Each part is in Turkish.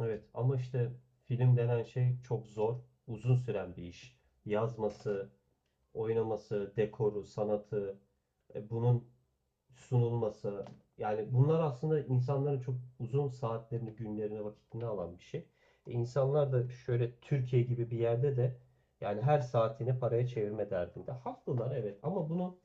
Evet ama işte film denen şey çok zor, uzun süren bir iş. Yazması, oynaması, dekoru, sanatı, bunun sunulması. Yani bunlar aslında insanların çok uzun saatlerini, günlerini, vakitini alan bir şey. İnsanlar da şöyle Türkiye gibi bir yerde de yani her saatini paraya çevirme derdinde. Haklılar, evet, ama bunu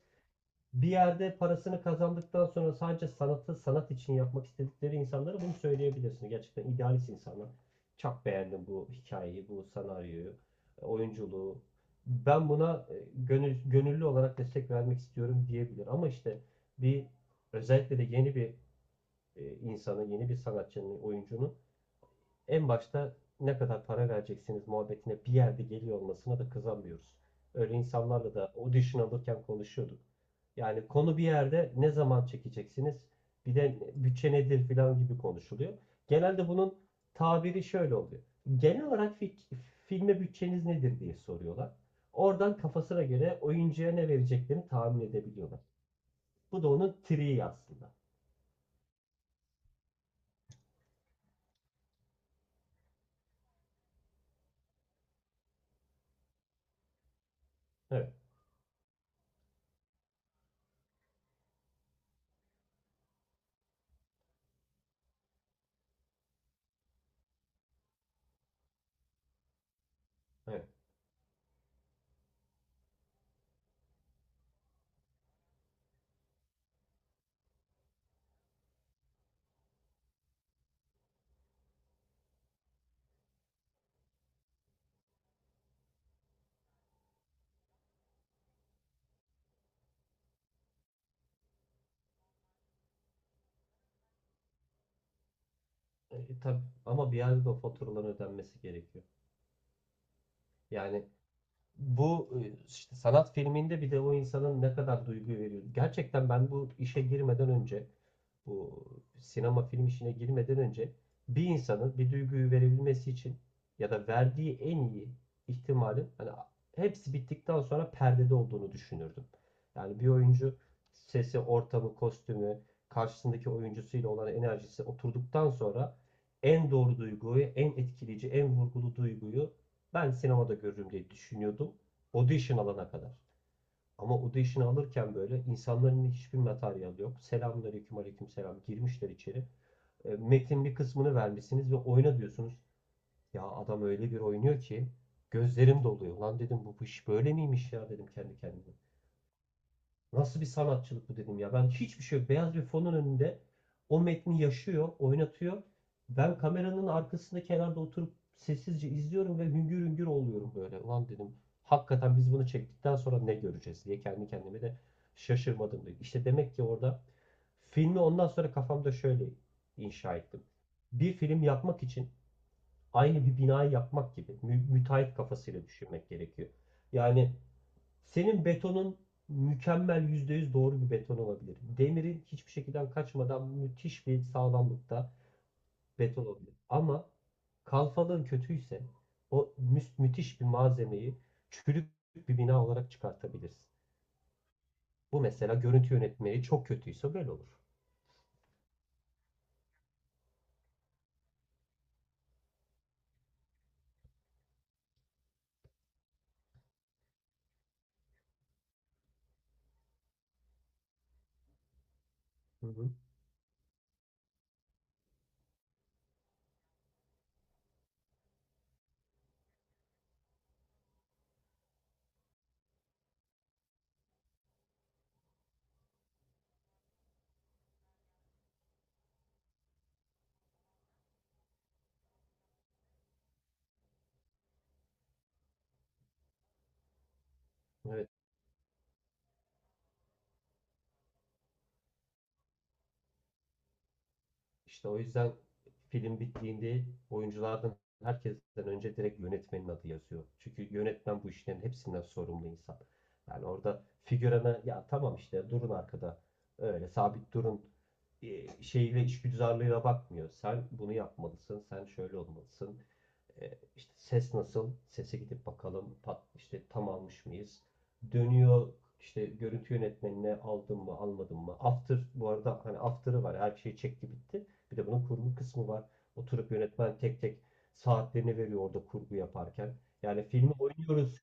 bir yerde parasını kazandıktan sonra sadece sanatı sanat için yapmak istedikleri insanlara bunu söyleyebilirsin. Gerçekten idealist insanlar. Çok beğendim bu hikayeyi, bu senaryoyu, oyunculuğu. Ben buna gönüllü olarak destek vermek istiyorum diyebilir. Ama işte bir özellikle de yeni bir insanın, yeni bir sanatçının, oyuncunun en başta ne kadar para vereceksiniz muhabbetine bir yerde geliyor olmasına da kızamıyoruz. Öyle insanlarla da audition alırken konuşuyorduk. Yani konu bir yerde ne zaman çekeceksiniz, bir de bütçe nedir filan gibi konuşuluyor. Genelde bunun tabiri şöyle oluyor. Genel olarak filme bütçeniz nedir diye soruyorlar. Oradan kafasına göre oyuncuya ne vereceklerini tahmin edebiliyorlar. Bu da onun triği aslında. Evet, evet. E, tabii ama bir yerde de o faturaların ödenmesi gerekiyor. Yani bu, işte sanat filminde bir de o insanın ne kadar duygu veriyor. Gerçekten ben bu işe girmeden önce, bu sinema film işine girmeden önce bir insanın bir duyguyu verebilmesi için ya da verdiği en iyi ihtimalin hani hepsi bittikten sonra perdede olduğunu düşünürdüm. Yani bir oyuncu sesi, ortamı, kostümü, karşısındaki oyuncusuyla olan enerjisi oturduktan sonra en doğru duyguyu, en etkileyici, en vurgulu duyguyu ben sinemada görürüm diye düşünüyordum. Audition alana kadar. Ama audition alırken böyle insanların hiçbir materyali yok. Selamünaleyküm, aleykümselam girmişler içeri. Metin bir kısmını vermişsiniz ve oyna diyorsunuz. Ya adam öyle bir oynuyor ki gözlerim doluyor. Lan dedim bu iş böyle miymiş ya dedim kendi kendime. Nasıl bir sanatçılık bu dedim ya. Ben hiçbir şey yok. Beyaz bir fonun önünde o metni yaşıyor, oynatıyor. Ben kameranın arkasında kenarda oturup sessizce izliyorum ve hüngür hüngür oluyorum böyle. Ulan dedim hakikaten biz bunu çektikten sonra ne göreceğiz diye kendi kendime de şaşırmadım, dedi. İşte demek ki orada filmi ondan sonra kafamda şöyle inşa ettim. Bir film yapmak için aynı bir binayı yapmak gibi müteahhit kafasıyla düşünmek gerekiyor. Yani senin betonun mükemmel %100 doğru bir beton olabilir. Demirin hiçbir şekilden kaçmadan müthiş bir sağlamlıkta beton olabilir. Ama kalfalığın kötüyse o müthiş bir malzemeyi çürük bir bina olarak çıkartabilirsin. Bu mesela görüntü yönetmeyi çok kötüyse böyle olur. Hı hı. Evet. İşte o yüzden film bittiğinde oyunculardan herkesten önce direkt yönetmenin adı yazıyor. Çünkü yönetmen bu işlerin hepsinden sorumlu insan. Yani orada figürana ya tamam işte durun arkada öyle sabit durun şeyle işgüzarlığına bakmıyor. Sen bunu yapmalısın, sen şöyle olmalısın. İşte ses nasıl? Sese gidip bakalım. Pat, işte tam almış mıyız? Dönüyor işte görüntü yönetmenine aldım mı almadım mı? After bu arada hani after'ı var. Her şey çekti bitti. Bir de bunun kurgu kısmı var. Oturup yönetmen tek tek saatlerini veriyor orada kurgu yaparken. Yani filmi oynuyoruz.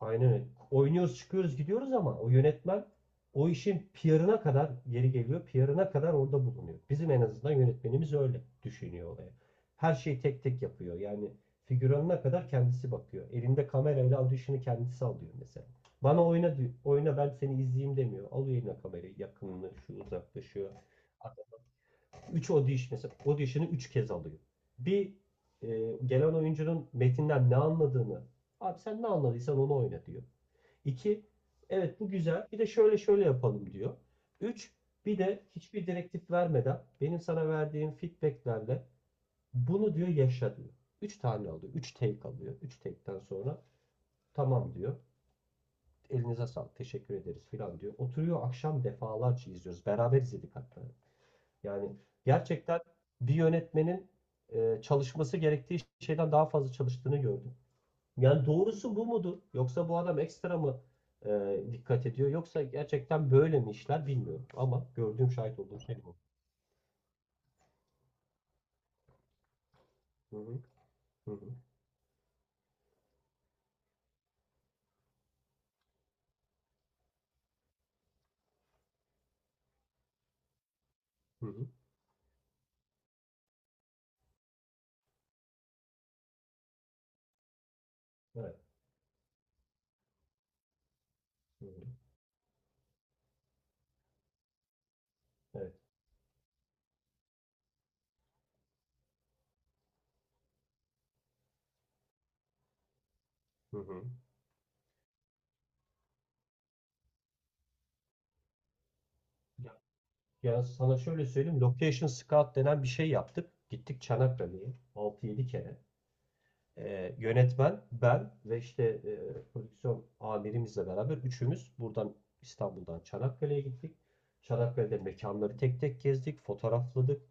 Aynen öyle. Oynuyoruz, çıkıyoruz, gidiyoruz ama o yönetmen o işin PR'ına kadar geri geliyor, PR'ına kadar orada bulunuyor. Bizim en azından yönetmenimiz öyle düşünüyor olaya. Her şeyi tek tek yapıyor. Yani figüranına kadar kendisi bakıyor. Elinde kamerayla audition'ı kendisi alıyor mesela. Bana oyna diyor, oyna ben seni izleyeyim demiyor. Alıyor eline kamerayı yakınını, şu uzaklaşıyor. 3 audition mesela audition'ı 3 kez alıyor. Bir, e, gelen oyuncunun metinden ne anladığını, abi sen ne anladıysan onu oyna diyor. 2. Evet bu güzel. Bir de şöyle şöyle yapalım diyor. Üç, bir de hiçbir direktif vermeden benim sana verdiğim feedbacklerle bunu diyor yaşa diyor. 3 tane alıyor. Üç take alıyor. Üç take'ten sonra tamam diyor. Elinize sağlık. Teşekkür ederiz filan diyor. Oturuyor akşam defalarca izliyoruz. Beraber izledik hatta. Yani gerçekten bir yönetmenin çalışması gerektiği şeyden daha fazla çalıştığını gördüm. Yani doğrusu bu mudur? Yoksa bu adam ekstra mı dikkat ediyor? Yoksa gerçekten böyle mi işler bilmiyorum. Ama gördüğüm şahit olduğum şey bu. Hı hı, hı hı, hı hı. Evet. Hı hı, evet. Hı hı. Ya, ya sana şöyle söyleyeyim. Location scout denen bir şey yaptık. Gittik Çanakkale'ye 6-7 kere. Yönetmen, ben ve işte prodüksiyon amirimizle beraber üçümüz buradan İstanbul'dan Çanakkale'ye gittik. Çanakkale'de mekanları tek tek gezdik, fotoğrafladık.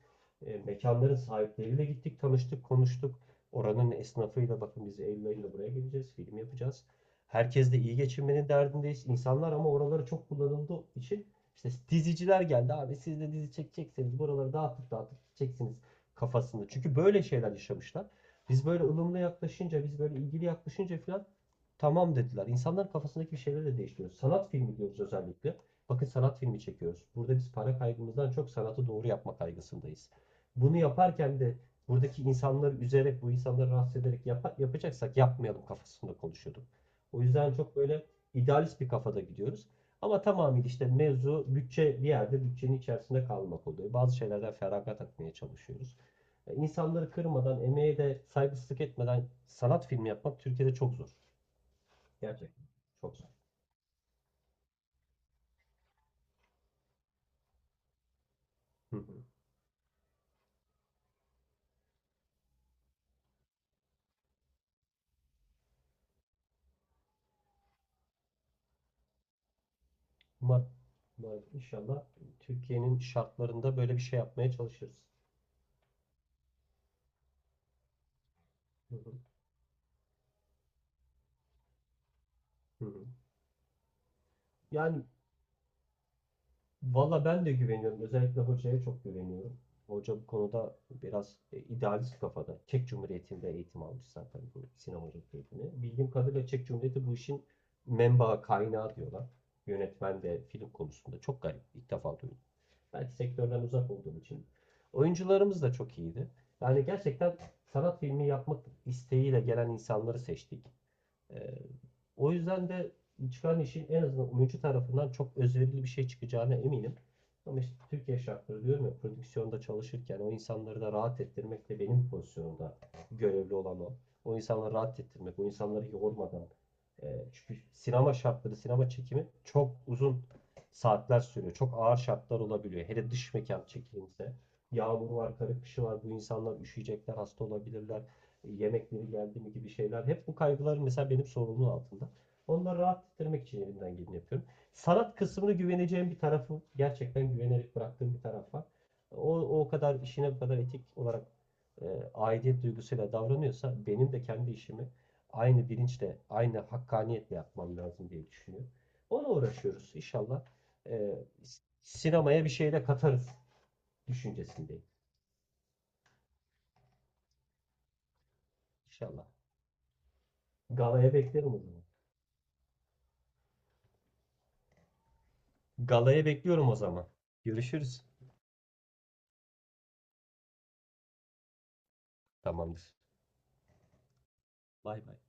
Mekanların sahipleriyle gittik, tanıştık, konuştuk. Oranın esnafıyla bakın biz Eylül ayında buraya geleceğiz, film yapacağız. Herkes de iyi geçinmenin derdindeyiz. İnsanlar ama oraları çok kullanıldığı için işte diziciler geldi abi siz de dizi çekecekseniz buraları dağıtıp dağıtıp çeksiniz kafasında. Çünkü böyle şeyler yaşamışlar. Biz böyle ılımlı yaklaşınca, biz böyle ilgili yaklaşınca falan tamam dediler. İnsanların kafasındaki bir şeyleri de değiştiriyoruz. Sanat filmi diyoruz özellikle. Bakın sanat filmi çekiyoruz. Burada biz para kaygımızdan çok sanatı doğru yapma kaygısındayız. Bunu yaparken de buradaki insanları üzerek, bu insanları rahatsız ederek yapacaksak yapmayalım kafasında konuşuyorduk. O yüzden çok böyle idealist bir kafada gidiyoruz. Ama tamamıyla işte mevzu bütçe bir yerde bütçenin içerisinde kalmak oluyor. Bazı şeylerden feragat etmeye çalışıyoruz. İnsanları kırmadan, emeğe de saygısızlık etmeden sanat filmi yapmak Türkiye'de çok zor. Gerçekten. Çok zor. Hı hı. Umarım, umarım, inşallah Türkiye'nin şartlarında böyle bir şey yapmaya çalışırız. Hı hı. Hı hı. Yani valla ben de güveniyorum. Özellikle hocaya çok güveniyorum. Hoca bu konuda biraz idealist kafada. Çek Cumhuriyeti'nde eğitim almış zaten bu sinemacılık eğitimi. Bildiğim kadarıyla Çek Cumhuriyeti bu işin menbaı kaynağı diyorlar. Yönetmen de film konusunda. Çok garip. İlk defa duydum. Belki sektörden uzak olduğum için. Oyuncularımız da çok iyiydi. Yani gerçekten sanat filmi yapmak isteğiyle gelen insanları seçtik. Ee, O yüzden de çıkan işin en azından oyuncu tarafından çok özverili bir şey çıkacağına eminim. Ama işte Türkiye şartları diyorum ya prodüksiyonda çalışırken o insanları da rahat ettirmek de benim pozisyonumda görevli olan o. O insanları rahat ettirmek, o insanları yormadan. e, Çünkü sinema şartları, sinema çekimi çok uzun saatler sürüyor. Çok ağır şartlar olabiliyor. Hele dış mekan çekimse. Yağmur var, kara kışı var. Bu insanlar üşüyecekler, hasta olabilirler, yemekleri geldi mi gibi şeyler. Hep bu kaygılar mesela benim sorumluluğum altında. Onları rahat ettirmek için elimden geleni yapıyorum. Sanat kısmını güveneceğim bir tarafı, gerçekten güvenerek bıraktığım bir taraf var. O, o kadar işine bu kadar etik olarak aidiyet duygusuyla davranıyorsa benim de kendi işimi aynı bilinçle, aynı hakkaniyetle yapmam lazım diye düşünüyorum. Ona uğraşıyoruz. İnşallah e, sinemaya bir şey de katarız düşüncesindeyim. İnşallah. Galaya beklerim o zaman. Galaya bekliyorum o zaman. Görüşürüz. Tamamdır. Bay bay.